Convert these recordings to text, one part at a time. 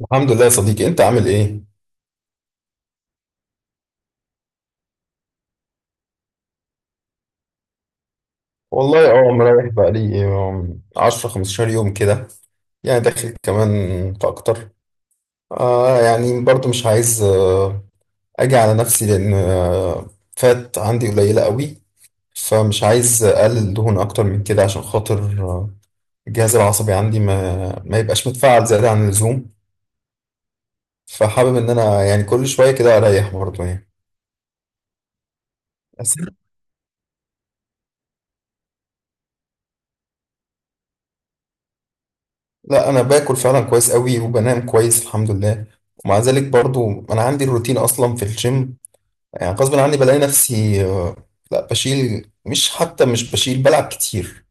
الحمد لله يا صديقي، انت عامل ايه؟ والله اه، مريح بقالي 10 15 يوم كده، يعني داخل كمان في اكتر. يعني برضو مش عايز اجي على نفسي، لان فات عندي قليلة قوي، فمش عايز اقلل دهون اكتر من كده عشان خاطر آه، الجهاز العصبي عندي ما يبقاش متفاعل زيادة عن اللزوم. فحابب ان انا يعني كل شوية كده اريح برضو يعني. بس لا، انا باكل فعلا كويس قوي، وبنام كويس الحمد لله. ومع ذلك برضو انا عندي الروتين اصلا في الجيم، يعني غصب عني بلاقي نفسي لا بشيل، مش حتى مش بشيل، بلعب كتير.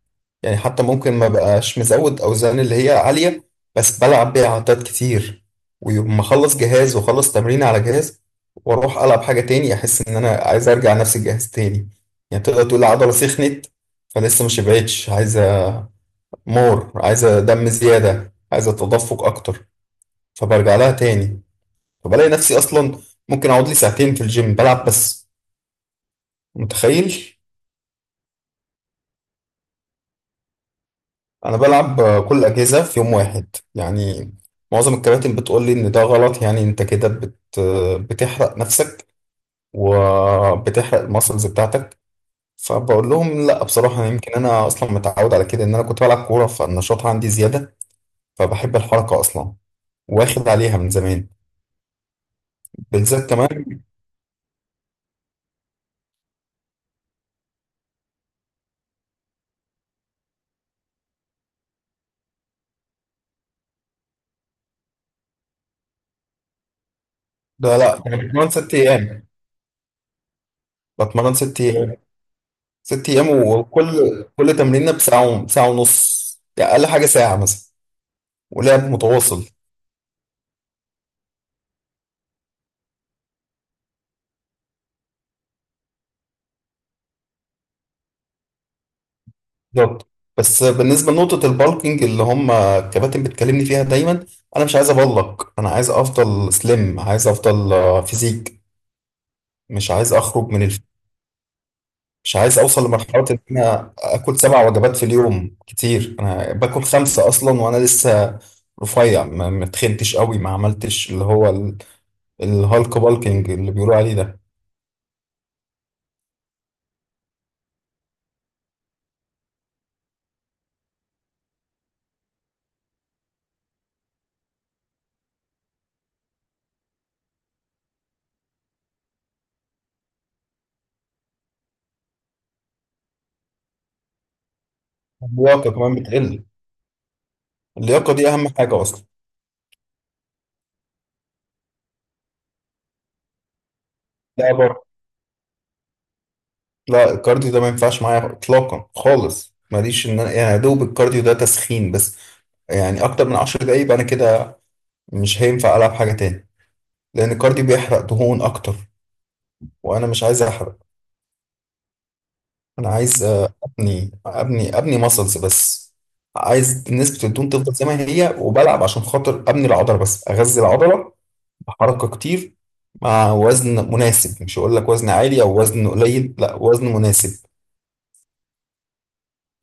يعني حتى ممكن ما بقاش مزود اوزان اللي هي عالية، بس بلعب بيها عدات كتير. ويوم ما اخلص جهاز واخلص تمرين على جهاز، واروح العب حاجة تاني، احس ان انا عايز ارجع نفس الجهاز تاني، يعني تقدر تقول العضلة سخنت، فلسه ما شبعتش، عايز مور، عايزة دم زيادة، عايزة تدفق أكتر، فبرجع لها تاني. فبلاقي نفسي أصلا ممكن أقعد لي ساعتين في الجيم بلعب بس، متخيل. أنا بلعب كل الأجهزة في يوم واحد يعني. معظم الكباتن بتقول لي إن ده غلط، يعني أنت كده بت... آه، بتحرق نفسك وبتحرق الماسلز بتاعتك. فبقول لهم لا، بصراحة يمكن أنا أصلا متعود على كده، إن أنا كنت بلعب كورة فالنشاط عندي زيادة. فبحب الحركة أصلا، واخد عليها من زمان، بالذات كمان. لا لا، انا بتمرن ست ايام، بتمرن ست ايام. ست ايام، وكل تمرينه بساعه، ساعه ونص، يعني اقل حاجه ساعه مثلا، ولعب متواصل. بالظبط. بس بالنسبه لنقطه البالكينج اللي هم الكباتن بتكلمني فيها دايما، انا مش عايز ابلك، انا عايز افضل سليم، عايز افضل فيزيك. مش عايز اخرج من الف... مش عايز اوصل لمرحله ان انا اكل سبع وجبات في اليوم، كتير. انا باكل خمسه اصلا وانا لسه رفيع، ما تخنتش قوي، ما عملتش اللي هو الهالك بالكينج اللي بيقولوا عليه ده. اللياقه كمان بتقل، اللياقه دي اهم حاجه اصلا. لا بره. لا، الكارديو ده ما ينفعش معايا اطلاقا خالص، ماليش ان انا، يعني يا دوب الكارديو ده تسخين بس، يعني اكتر من 10 دقايق انا كده مش هينفع العب حاجه تاني، لان الكارديو بيحرق دهون اكتر، وانا مش عايز احرق. انا عايز ابني ماسلز بس، عايز نسبه الدهون تفضل زي ما هي، وبلعب عشان خاطر ابني العضله بس، اغذي العضله، حركة كتير مع وزن مناسب، مش هقول لك وزن عالي او وزن قليل، لا وزن مناسب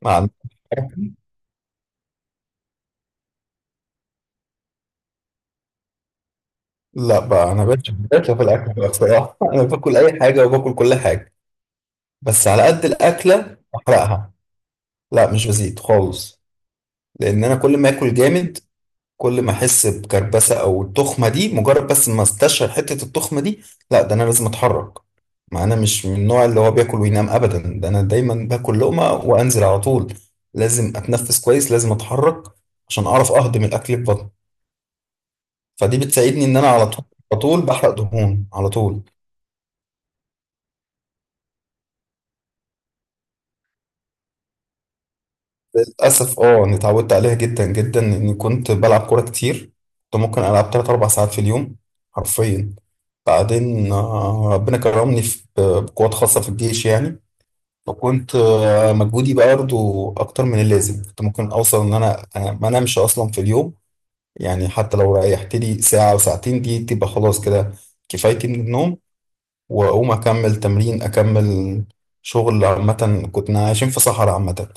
مع حركة. لا بقى، انا بقتش في الاكل بقى بصراحة انا باكل اي حاجة وباكل كل حاجة، بس على قد الاكلة احرقها. لا مش بزيد خالص، لان انا كل ما اكل جامد، كل ما احس بكربسه او التخمه دي، مجرد بس ما استشعر حته التخمه دي، لا ده انا لازم اتحرك. ما انا مش من النوع اللي هو بياكل وينام ابدا، ده انا دايما باكل لقمه وانزل على طول. لازم اتنفس كويس، لازم اتحرك عشان اعرف اهضم الاكل في بطني، فدي بتساعدني ان انا على طول، على طول بحرق دهون على طول. للاسف اه، انا اتعودت عليها جدا جدا، اني كنت بلعب كوره كتير، كنت ممكن العب 3 4 ساعات في اليوم حرفيا. بعدين ربنا كرمني في بقوات خاصة في الجيش يعني، فكنت مجهودي بقى برضه أكتر من اللازم، كنت ممكن أوصل إن أنا ما أنامش أصلا في اليوم، يعني حتى لو ريحت لي ساعة أو ساعتين، دي تبقى خلاص كده كفايتي من النوم، وأقوم أكمل تمرين، أكمل شغل. عامة كنا عايشين في صحراء، عامة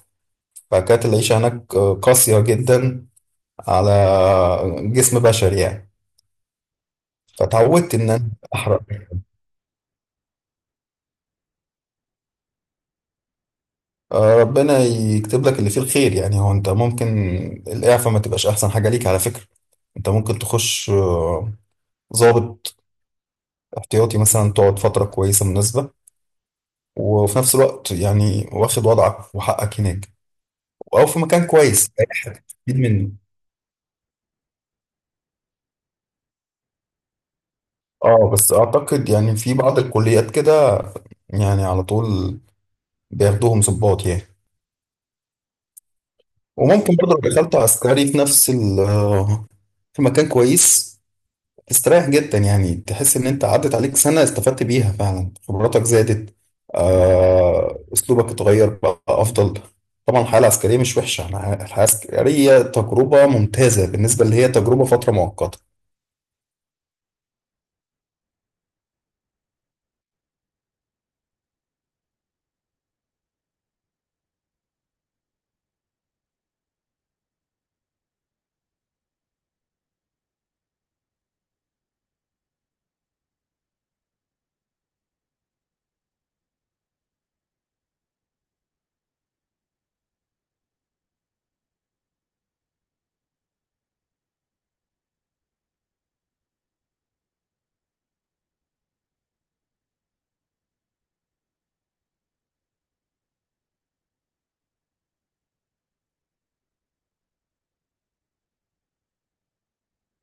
فكانت العيشة هناك قاسية جدا على جسم بشري يعني، فتعودت إن أنا أحرق. ربنا يكتب لك اللي فيه الخير. يعني هو انت ممكن الاعفاء ما تبقاش احسن حاجه ليك على فكره، انت ممكن تخش ضابط احتياطي مثلا، تقعد فتره كويسه مناسبه، وفي نفس الوقت يعني واخد وضعك وحقك هناك، او في مكان كويس اي حاجه تستفيد منه. اه بس اعتقد يعني في بعض الكليات كده، يعني على طول بياخدوهم ضباط يعني. وممكن برضه لو دخلت عسكري في نفس ال آه، في مكان كويس، استريح جدا، يعني تحس ان انت عدت عليك سنة استفدت بيها فعلا، خبراتك زادت، اسلوبك اتغير بقى افضل. طبعا الحياة العسكرية مش وحشة، أنا الحياة العسكرية تجربة ممتازة، بالنسبة اللي هي تجربة فترة مؤقتة.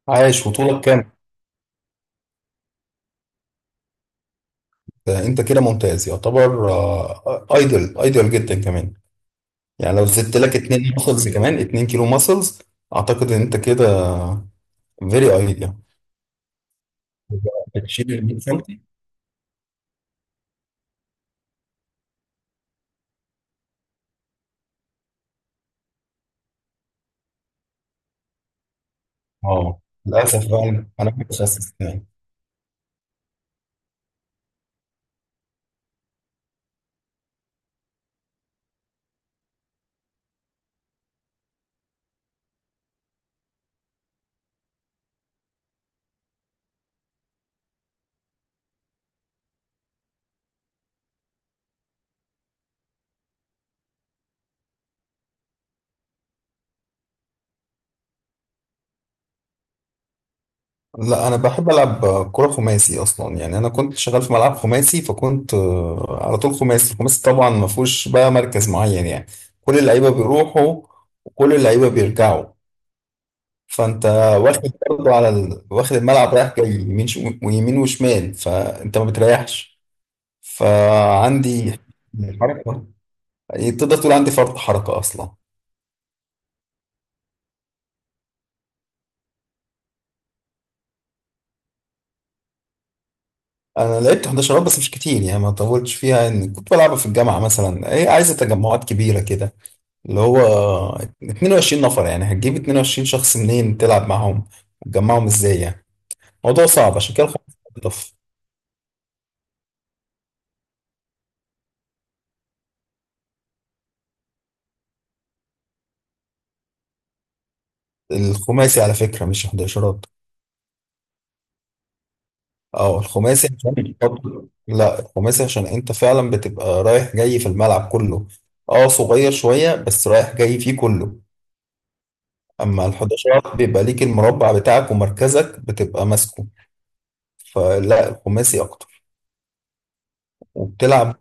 عايش، وطولك كام؟ انت كده ممتاز يعتبر، ايدل ايدل جدا كمان. يعني لو زدت لك اتنين ماسلز، كمان اتنين كيلو ماسلز، اعتقد ان انت كده فيري ايدل، بتشيل ال 100 سم اه، للاسف بقى انا متخصص. لا انا بحب العب كرة خماسي اصلا، يعني انا كنت شغال في ملعب خماسي، فكنت على طول خماسي. الخماسي طبعا ما فيهوش بقى مركز معين يعني، كل اللعيبة بيروحوا، وكل اللعيبة بيرجعوا، فانت واخد برضه على ال... واخد الملعب رايح جاي، يمين ويمين وشمال، فانت ما بتريحش، فعندي حركة، يعني تقدر تقول عندي فرط حركة اصلا. انا لعبت 11 بس مش كتير، يعني ما طولتش فيها، ان كنت بلعبها في الجامعة مثلا، ايه عايزة تجمعات كبيرة كده، اللي هو 22 نفر، يعني هتجيب 22 شخص منين تلعب معاهم، وتجمعهم ازاي يعني؟ موضوع صعب، عشان كده الخماسي ألطف. الخماسي على فكرة مش 11. اه الخماسي عشان لا، الخماسي عشان انت فعلا بتبقى رايح جاي في الملعب كله، اه صغير شوية بس رايح جاي فيه كله، اما ال 11 بيبقى ليك المربع بتاعك ومركزك بتبقى ماسكه، فلا الخماسي اكتر وبتلعب.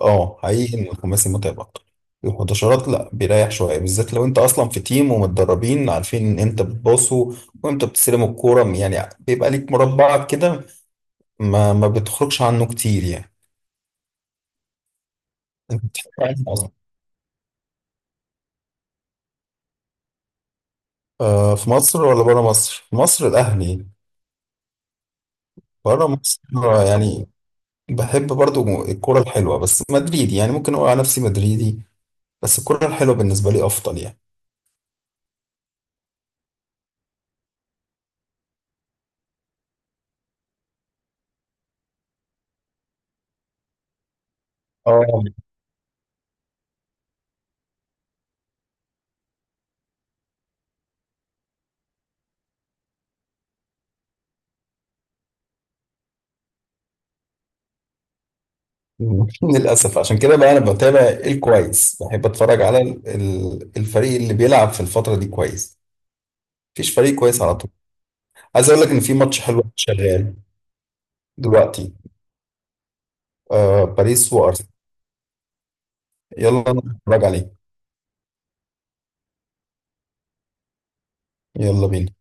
اه حقيقي ان الخماسي متعب اكتر. الحداشرات لا بيريح شويه، بالذات لو انت اصلا في تيم ومتدربين عارفين امتى بتباصوا وامتى بتستلموا الكوره، يعني بيبقى ليك مربعك كده، ما بتخرجش عنه كتير يعني. انت بتحب عنه اصلا؟ في مصر ولا بره مصر؟ في مصر الاهلي. بره مصر يعني بحب برضو الكوره الحلوه، بس مدريدي، يعني ممكن اقول على نفسي مدريدي، بس الكوره الحلوه بالنسبه لي افضل يعني. اه للأسف عشان كده بقى أنا بتابع الكويس، بحب أتفرج على الفريق اللي بيلعب في الفترة دي كويس، مفيش فريق كويس على طول. عايز أقول لك إن في ماتش حلو شغال دلوقتي، آه، باريس وأرسنال، يلا نتفرج عليه، يلا بينا.